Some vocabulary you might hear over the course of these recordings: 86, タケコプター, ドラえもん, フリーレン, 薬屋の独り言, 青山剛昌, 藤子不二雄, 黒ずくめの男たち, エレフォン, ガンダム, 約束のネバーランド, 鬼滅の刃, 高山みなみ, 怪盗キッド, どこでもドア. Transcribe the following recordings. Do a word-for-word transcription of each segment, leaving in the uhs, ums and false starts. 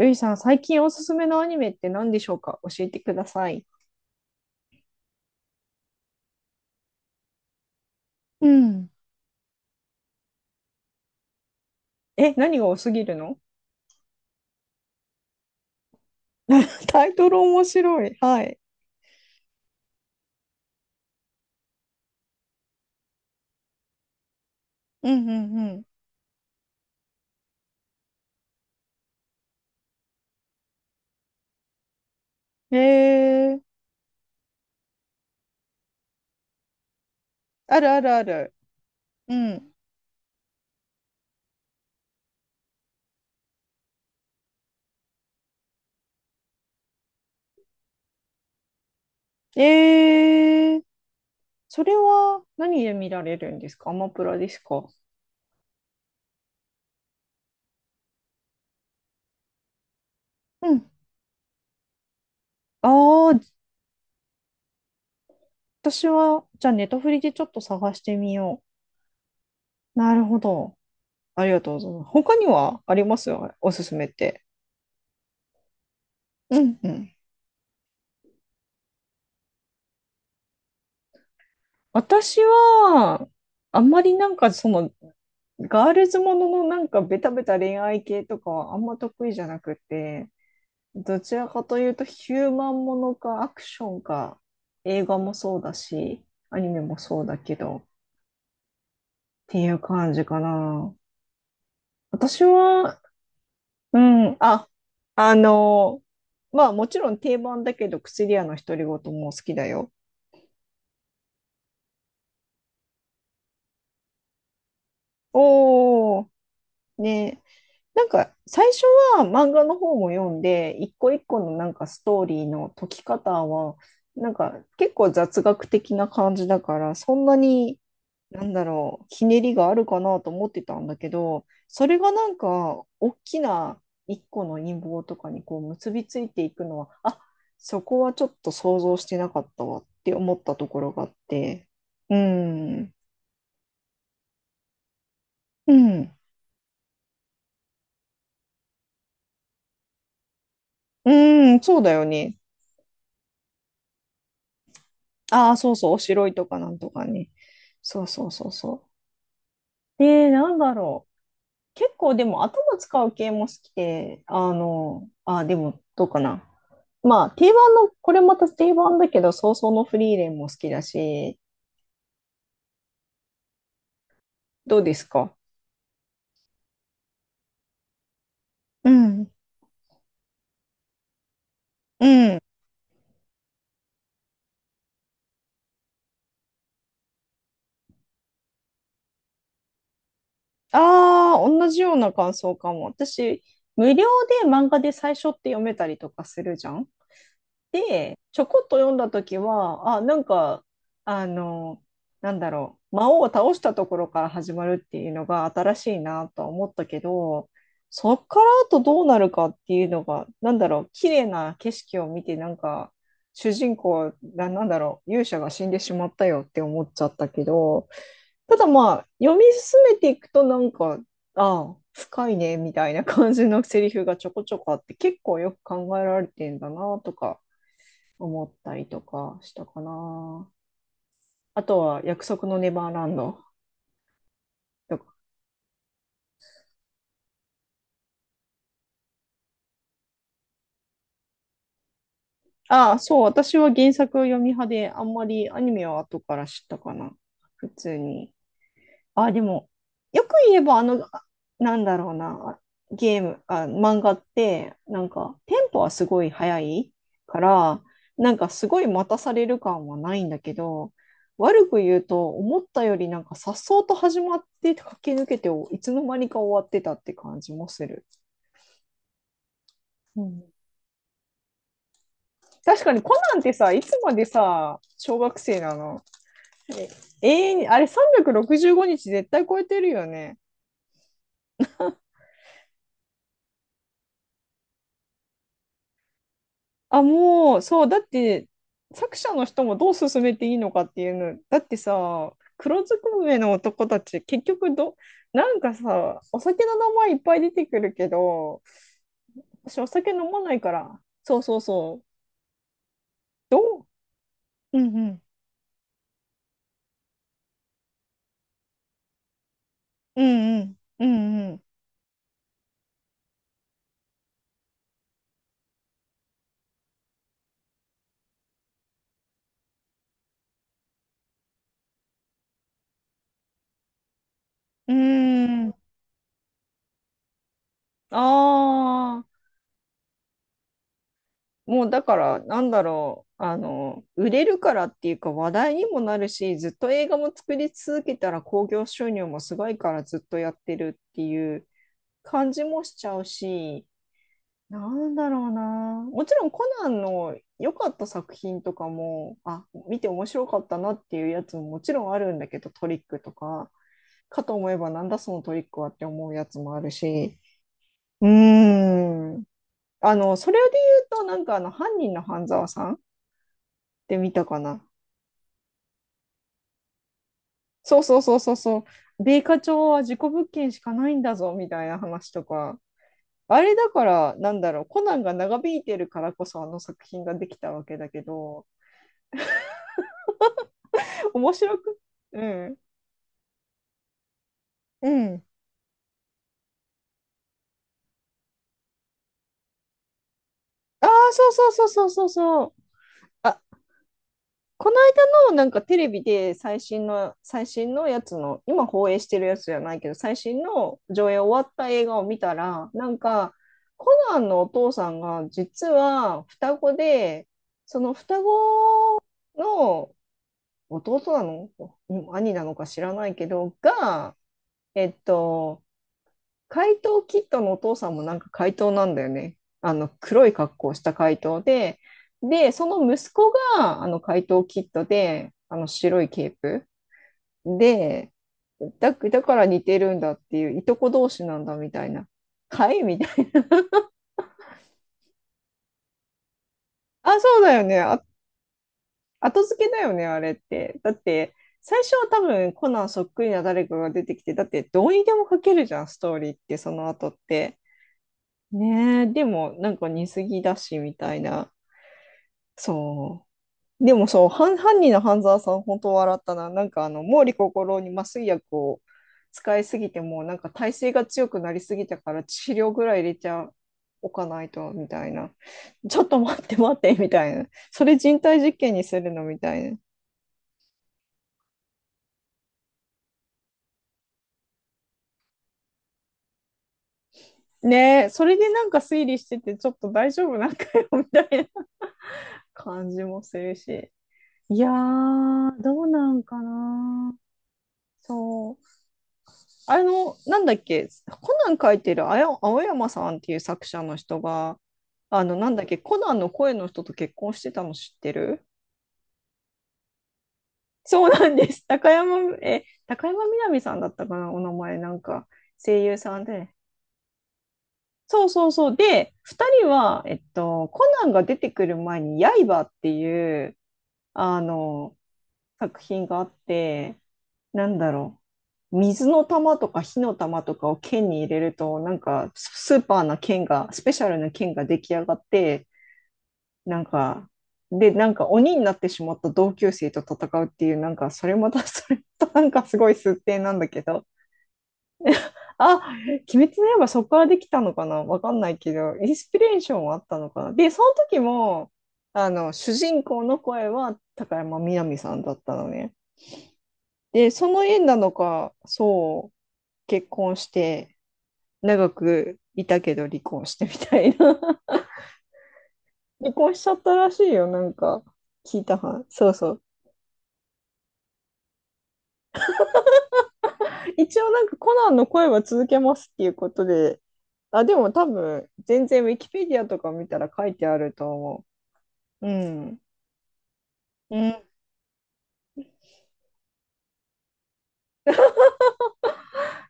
ゆいさん、最近おすすめのアニメって何でしょうか、教えてください。うん。え、何が多すぎるの？ タイトル面白い。はい。うんうんうん。えー、あるあるある。うん。えー、それは何で見られるんですか？アマプラですか？うん。ああ、私は、じゃあネタフリでちょっと探してみよう。なるほど。ありがとうございます。他にはありますよ、おすすめって。うんうん。私は、あんまりなんかその、ガールズもののなんかベタベタ恋愛系とかはあんま得意じゃなくて、どちらかというとヒューマンものかアクションか、映画もそうだし、アニメもそうだけど、っていう感じかな。私は、うん、あ、あの、まあもちろん定番だけど、薬屋の独り言も好きだよ。おー、ね。なんか最初は漫画の方も読んで、一個一個のなんかストーリーの解き方は、なんか結構雑学的な感じだから、そんなに、なんだろう、ひねりがあるかなと思ってたんだけど、それがなんか大きな一個の陰謀とかにこう結びついていくのは、あ、そこはちょっと想像してなかったわって思ったところがあって、うん、うん、うん、そうだよね。ああ、そうそう、おしろいとかなんとかね。そうそうそうそう。で、なんだろう。結構でも頭使う系も好きで、あの、あー、でもどうかな。まあ、定番の、これまた定番だけど、早々のフリーレンも好きだし、どうですか？うん。うん。ああ、同じような感想かも。私、無料で漫画で最初って読めたりとかするじゃん。ちょこっと読んだ時は、あ、なんか、あの、なんだろう、魔王を倒したところから始まるっていうのが新しいなとは思ったけど、そっからあとどうなるかっていうのが、なんだろう、綺麗な景色を見て、なんか、主人公が、なんだろう、勇者が死んでしまったよって思っちゃったけど、ただまあ、読み進めていくと、なんか、ああ、深いね、みたいな感じのセリフがちょこちょこあって、結構よく考えられてんだなとか。思ったりとかしたかな。あとは約束のネバーランドとか。ああ、そう、私は原作を読み派で、あんまりアニメは後から知ったかな。普通に。あ、でも、よく言えば、あの、あなんだろうな、ゲーム、あ、漫画って、なんか、テンポはすごい速いから、なんか、すごい待たされる感はないんだけど、悪く言うと、思ったよりなんか、颯爽と始まって、駆け抜けて、いつの間にか終わってたって感じもする。うん。確かに、コナンってさ、いつまでさ、小学生なの？え、永遠に、あれさんびゃくろくじゅうごにち絶対超えてるよね。あ、もう、そう、だって、作者の人もどう進めていいのかっていうの、だってさ、黒ずくめの男たち、結局ど、なんかさ、お酒の名前いっぱい出てくるけど、私お酒飲まないから、そうそうそう、どう？うんうん、うんうん、うんうん、うーん、ああ、もうだから、なんだろう、あの、売れるからっていうか話題にもなるし、ずっと映画も作り続けたら興行収入もすごいからずっとやってるっていう感じもしちゃうし、なんだろうな。もちろんコナンの良かった作品とかも、あ、見て面白かったなっていうやつももちろんあるんだけど、トリックとか、かと思えばなんだそのトリックはって思うやつもあるし、うーん。あの、それで言うと、なんかあの、犯人の半沢さんてみたかな。そうそうそうそうそう。米花町は事故物件しかないんだぞみたいな話とか。あれだから、なんだろう、コナンが長引いてるからこそあの作品ができたわけだけど、面白く、うん。うん。ああ、そうそうそうそうそうそう。あ、この間のなんかテレビで最新の、最新のやつの、今放映してるやつじゃないけど、最新の上映終わった映画を見たら、なんか、コナンのお父さんが実は双子で、その双子の弟なの兄なのか知らないけど、が、えっと、怪盗キッドのお父さんもなんか怪盗なんだよね。あの黒い格好をした怪盗で、で、その息子があの怪盗キッドで、あの白いケープで、だ、だから似てるんだっていう、いとこ同士なんだみたいな。はいみたいな。あ、そうだよね。あ、後付けだよね、あれって。だって、最初は多分コナンそっくりな誰かが出てきて、だってどうにでも書けるじゃん、ストーリーって、その後って。ねえ、でもなんか似すぎだし、みたいな。そう。でもそう、犯、犯人の半沢さん、本当笑ったな。なんかあの、毛利心に麻酔薬を使いすぎても、なんか耐性が強くなりすぎたから治療ぐらい入れちゃおかないと、みたいな。ちょっと待って待って、みたいな。それ人体実験にするのみたいな。ねえ、それでなんか推理してて、ちょっと大丈夫なんかよ、みたいな感じもするし。いやー、どうなんかな。そう。あの、なんだっけ、コナン書いてるあや青山さんっていう作者の人が、あの、なんだっけ、コナンの声の人と結婚してたの知ってる？そうなんです。高山、え、高山みなみさんだったかな、お名前、なんか、声優さんで。そうそうそう。で、ふたりは、えっと、コナンが出てくる前に、刃っていう、あの、作品があって、なんだろう。水の玉とか火の玉とかを剣に入れると、なんかスーパーな剣が、スペシャルな剣が出来上がって、なんか、で、なんか鬼になってしまった同級生と戦うっていう、なんかそれまた それとなんかすごい数点なんだけど、あ、鬼滅の刃そこからできたのかなわかんないけど、インスピレーションはあったのかな。で、その時も、あの、主人公の声は高山みなみさんだったのね。で、その縁なのか、そう、結婚して長くいたけど離婚してみたいな。 離婚しちゃったらしいよ、なんか聞いたはん、そうそう。一応なんかコナンの声は続けますっていうことで、あでも多分全然ウィキペディアとか見たら書いてあると思う。うんうん。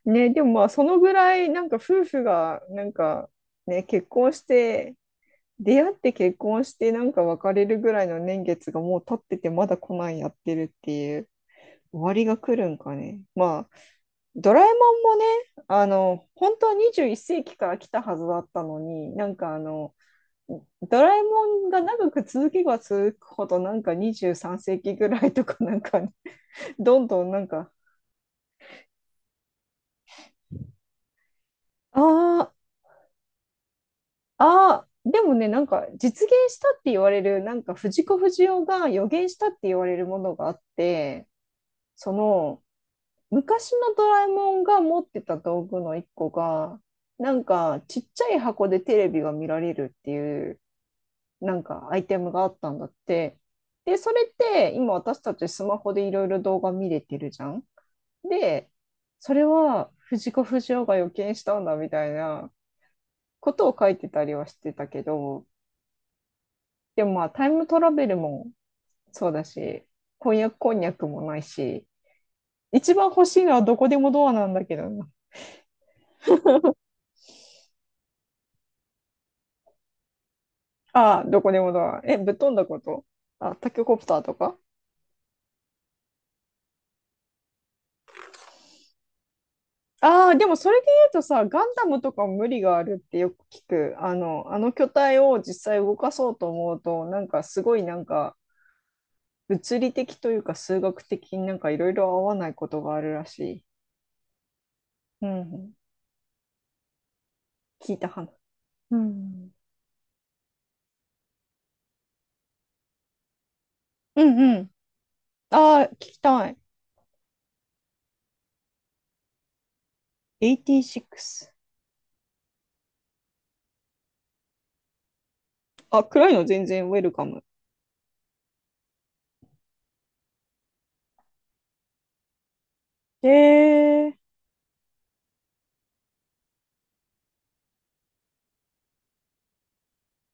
ね、でもまあそのぐらいなんか夫婦がなんかね、結婚して出会って結婚してなんか別れるぐらいの年月がもう経ってて、まだコナンやってるっていう。終わりが来るんかね。まあ、ドラえもんもね、あの、本当はにじゅういっせいき世紀から来たはずだったのに、なんかあの、ドラえもんが長く続けば続くほど、なんかにじゅうさんせいき世紀ぐらいとか、なんかね、どんどんなんか。ああ。ああ、でもね、なんか実現したって言われる、なんか藤子不二雄が予言したって言われるものがあって、その、昔のドラえもんが持ってた道具の一個が、なんかちっちゃい箱でテレビが見られるっていうなんかアイテムがあったんだって。で、それって今私たちスマホでいろいろ動画見れてるじゃん。で、それは藤子不二雄が予見したんだみたいなことを書いてたりはしてたけど、でもまあタイムトラベルもそうだし、婚約こんにゃくもないし、一番欲しいのはどこでもドアなんだけどね。ああ、どこでもドア。え、ぶっ飛んだこと。あ、タケコプターとか。ああ、でもそれで言うとさ、ガンダムとかも無理があるってよく聞く。あの、あの巨体を実際動かそうと思うと、なんかすごいなんか物理的というか数学的になんかいろいろ合わないことがあるらしい。うん。聞いた話。うん。うんうん。ああ、聞きたい。エイティシックス。あ、暗いの全然ウェルカム。へえー。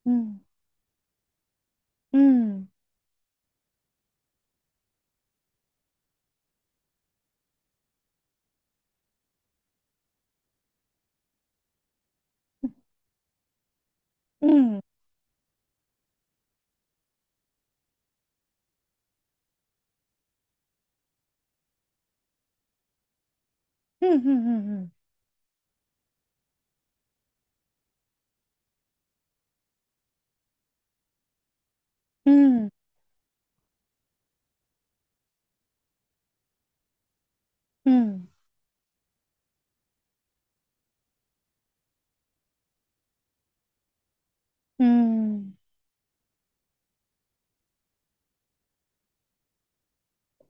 うん。うん。うん。うん。うん。うん。うん。うんうん。うん。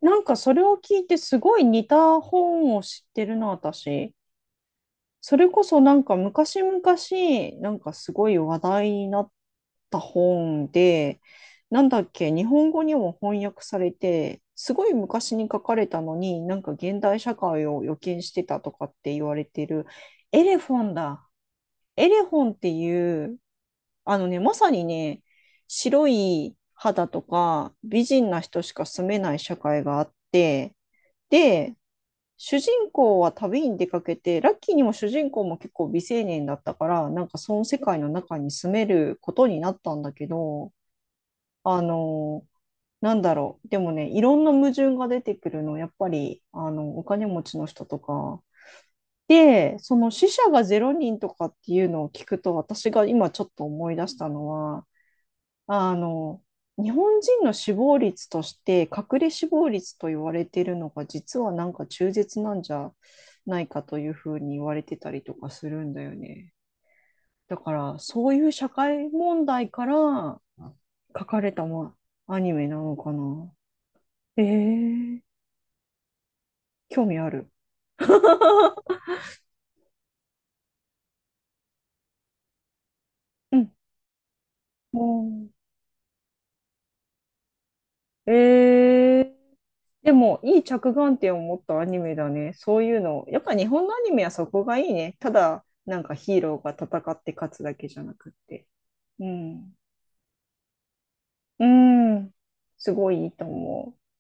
なんかそれを聞いてすごい似た本を知ってるな、私。それこそなんか昔々、なんかすごい話題になった本で、なんだっけ、日本語にも翻訳されて、すごい昔に書かれたのに、なんか現代社会を予見してたとかって言われてる、エレフォンだ。エレフォンっていうあのね、まさにね、白い肌とか美人な人しか住めない社会があって、で、主人公は旅に出かけて、ラッキーにも主人公も結構未成年だったから、なんかその世界の中に住めることになったんだけど、あの、なんだろう、でもね、いろんな矛盾が出てくるの、やっぱり、あの、お金持ちの人とか。で、その死者がゼロ人とかっていうのを聞くと、私が今ちょっと思い出したのは、あの、日本人の死亡率として、隠れ死亡率と言われているのが、実はなんか中絶なんじゃないかというふうに言われてたりとかするんだよね。だから、そういう社会問題から書かれた、ま、アニメなのかな。えー、興味ある。うん。もう、ええ、でも、いい着眼点を持ったアニメだね。そういうの。やっぱ日本のアニメはそこがいいね。ただ、なんかヒーローが戦って勝つだけじゃなくって。うん。うん。すごいいいと思う。